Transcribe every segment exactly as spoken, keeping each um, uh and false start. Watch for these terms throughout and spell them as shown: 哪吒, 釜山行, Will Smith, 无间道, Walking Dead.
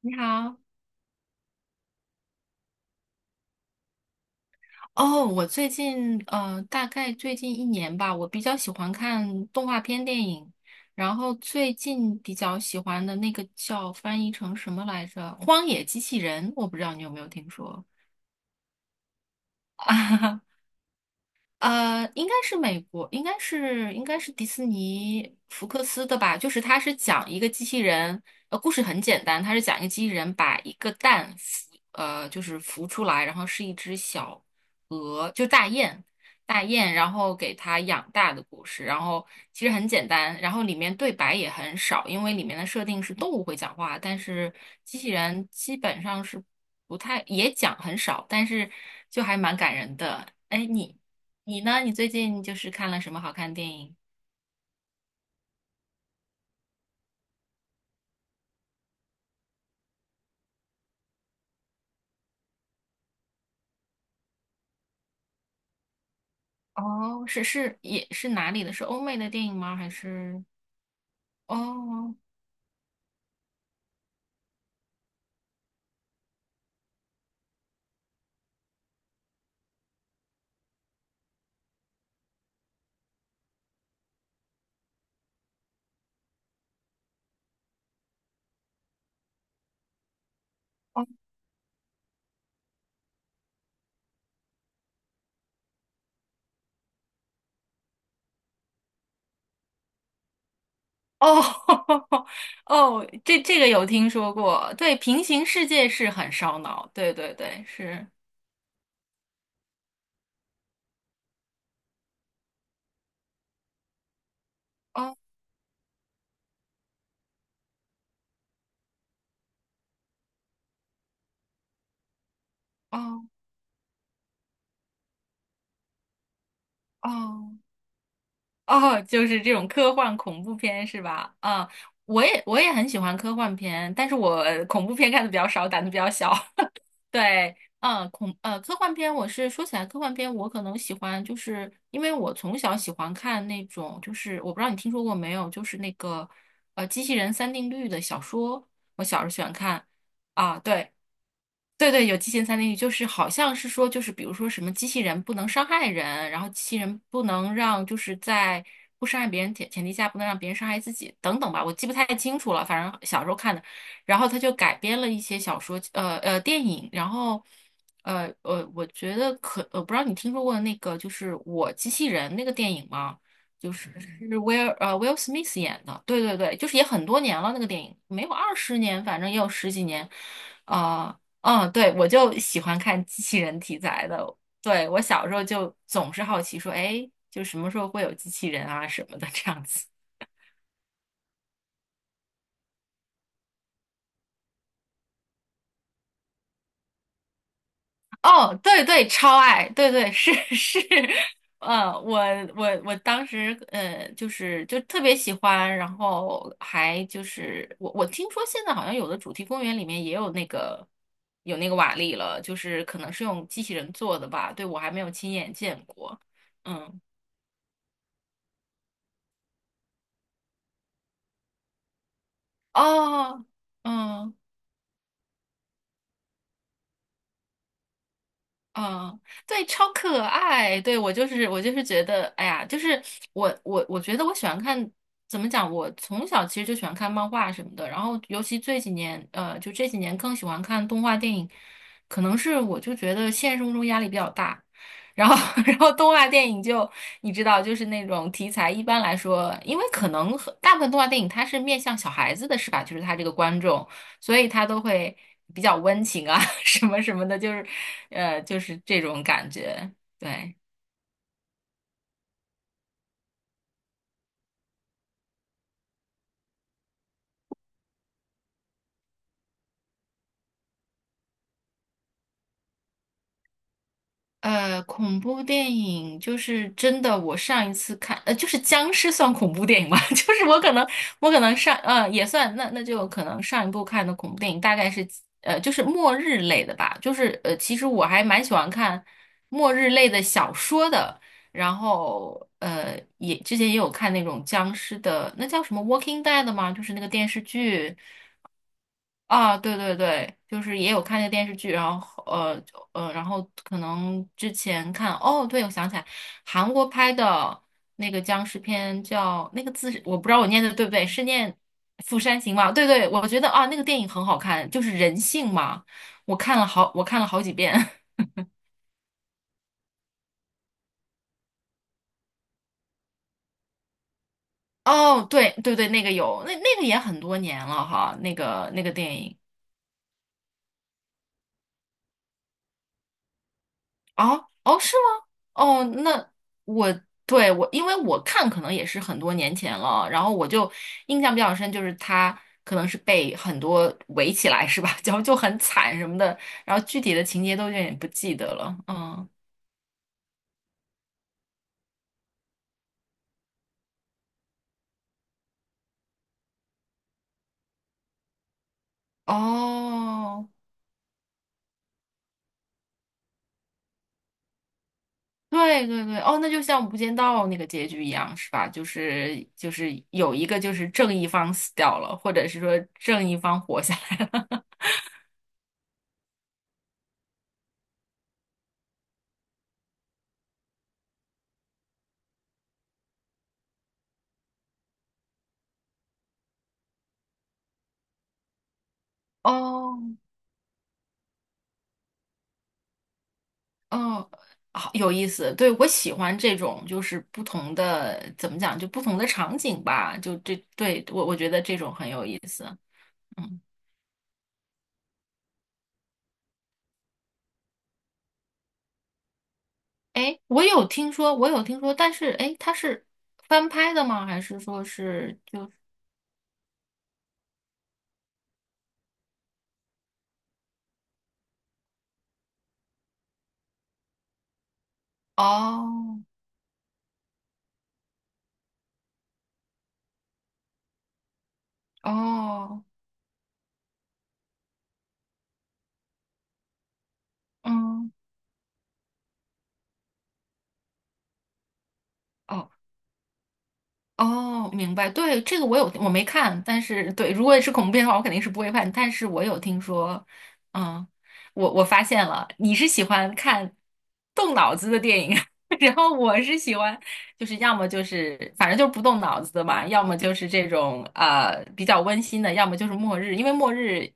你好。哦，我最近呃，大概最近一年吧，我比较喜欢看动画片电影，然后最近比较喜欢的那个叫翻译成什么来着，《荒野机器人》，我不知道你有没有听说。呃，应该是美国，应该是应该是迪士尼福克斯的吧？就是它是讲一个机器人，呃，故事很简单，它是讲一个机器人把一个蛋孵，呃，就是孵出来，然后是一只小鹅，就大雁，大雁，然后给它养大的故事。然后其实很简单，然后里面对白也很少，因为里面的设定是动物会讲话，但是机器人基本上是不太，也讲很少，但是就还蛮感人的。哎，你。你呢？你最近就是看了什么好看的电影？哦，是是也是哪里的？是欧美的电影吗？还是哦哦哦。 哦，这这个有听说过。对，平行世界是很烧脑。对对对，是。哦哦哦哦，就是这种科幻恐怖片是吧？啊，我也我也很喜欢科幻片，但是我恐怖片看的比较少，胆子比较小。对，嗯，恐呃，科幻片，我是说起来科幻片，我可能喜欢，就是因为我从小喜欢看那种，就是我不知道你听说过没有，就是那个呃机器人三定律的小说，我小时候喜欢看。啊，对，对对，有极限三定律，就是好像是说，就是比如说什么机器人不能伤害人，然后机器人不能让就是在不伤害别人前前提下，不能让别人伤害自己等等吧，我记不太清楚了，反正小时候看的。然后他就改编了一些小说，呃呃电影，然后呃呃，我觉得可呃不知道你听说过那个就是《我机器人》那个电影吗？就是是威尔呃 Will Smith 演的，对对对，就是也很多年了那个电影，没有二十年，反正也有十几年。啊、呃嗯，对，我就喜欢看机器人题材的。对，我小时候就总是好奇说，哎，就什么时候会有机器人啊什么的这样子。哦，对对，超爱，对对是是。嗯，我我我当时呃就是就特别喜欢，然后还就是我我听说现在好像有的主题公园里面也有那个有那个瓦力了，就是可能是用机器人做的吧，对，我还没有亲眼见过。嗯，哦，嗯。嗯，对，超可爱。对，我就是我就是觉得，哎呀，就是我我我觉得我喜欢看。怎么讲？我从小其实就喜欢看漫画什么的，然后尤其这几年，呃，就这几年更喜欢看动画电影，可能是我就觉得现实生活中压力比较大，然后 然后动画电影就你知道，就是那种题材一般来说，因为可能很大部分动画电影它是面向小孩子的，是吧？就是它这个观众。所以他都会比较温情啊，什么什么的，就是，呃，就是这种感觉。对。呃，恐怖电影就是真的。我上一次看，呃，就是僵尸算恐怖电影吗？就是我可能，我可能上，呃，也算。那那就可能上一部看的恐怖电影大概是，呃，就是末日类的吧。就是呃，其实我还蛮喜欢看末日类的小说的。然后呃，也之前也有看那种僵尸的，那叫什么《Walking Dead》吗？就是那个电视剧。啊，对对对，就是也有看那个电视剧，然后呃就呃，然后可能之前看，哦，对，我想起来，韩国拍的那个僵尸片叫那个字是我不知道我念的对不对，是念《釜山行》吗？对对，我觉得啊，那个电影很好看，就是人性嘛，我看了好，我看了好几遍。哦，对对对，那个有，那那个也很多年了哈，那个那个电影。哦哦，是吗？哦，那我对我，因为我看可能也是很多年前了，然后我就印象比较深，就是他可能是被很多围起来是吧？然后就很惨什么的，然后具体的情节都有点不记得了。嗯，哦，对对对，哦，那就像《无间道》那个结局一样是吧？就是就是有一个就是正义方死掉了，或者是说正义方活下来了。哦。嗯，好有意思。对，我喜欢这种，就是不同的，怎么讲，就不同的场景吧。就这，对，我我觉得这种很有意思。嗯，哎，我有听说，我有听说，但是哎，诶它是翻拍的吗？还是说是就哦哦。嗯，哦哦，明白。对，这个我有，我没看，但是对，如果是恐怖片的话，我肯定是不会看。但是我有听说。嗯，我我发现了，你是喜欢看动脑子的电影，然后我是喜欢，就是要么就是反正就是不动脑子的嘛，要么就是这种呃比较温馨的，要么就是末日，因为末日，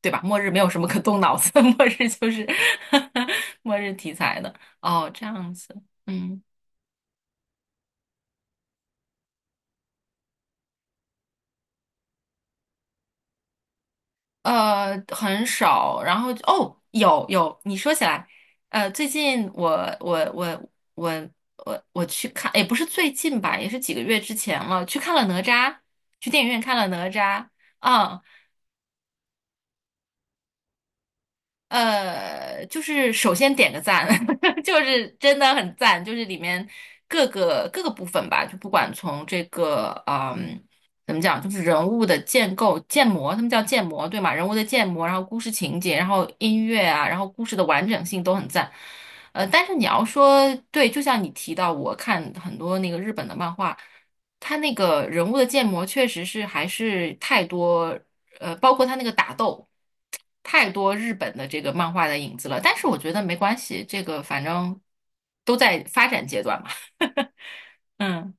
对吧？末日没有什么可动脑子的，末日就是 末日题材的。哦，这样子。嗯。呃，很少。然后哦，有有，你说起来，呃，最近我我我我我我去看，也不是最近吧，也是几个月之前了，去看了哪吒，去电影院看了哪吒。啊。呃，就是首先点个赞，就是真的很赞，就是里面各个各个部分吧，就不管从这个嗯，怎么讲，就是人物的建构、建模，他们叫建模，对吗？人物的建模，然后故事情节，然后音乐啊，然后故事的完整性都很赞。呃，但是你要说对，就像你提到，我看很多那个日本的漫画，它那个人物的建模确实是还是太多。呃，包括他那个打斗，太多日本的这个漫画的影子了。但是我觉得没关系，这个反正都在发展阶段嘛。嗯。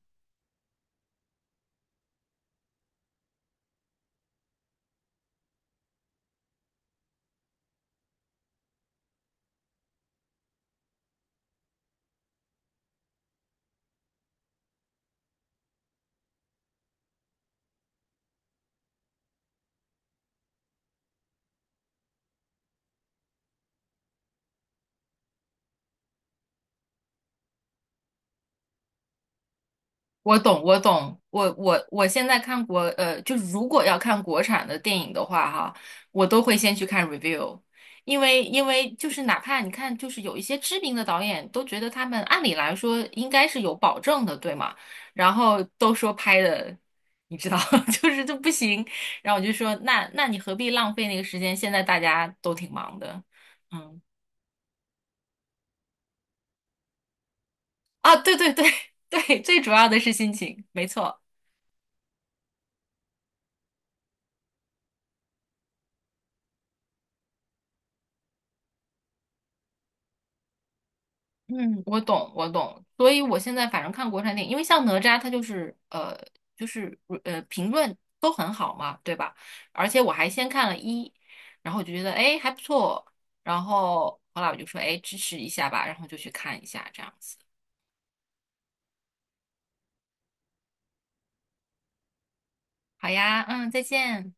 我懂，我懂，我我我现在看国，呃，就如果要看国产的电影的话，哈，我都会先去看 review，因为因为就是哪怕你看，就是有一些知名的导演都觉得他们按理来说应该是有保证的，对吗？然后都说拍的，你知道，就是这不行，然后我就说，那那你何必浪费那个时间？现在大家都挺忙的。嗯，啊，对对对。 对，最主要的是心情，没错。嗯，我懂，我懂。所以我现在反正看国产电影，因为像哪吒，它就是呃，就是呃，评论都很好嘛，对吧？而且我还先看了一，然后我就觉得哎还不错，然后后来我就说哎支持一下吧，然后就去看一下这样子。好呀，嗯，再见。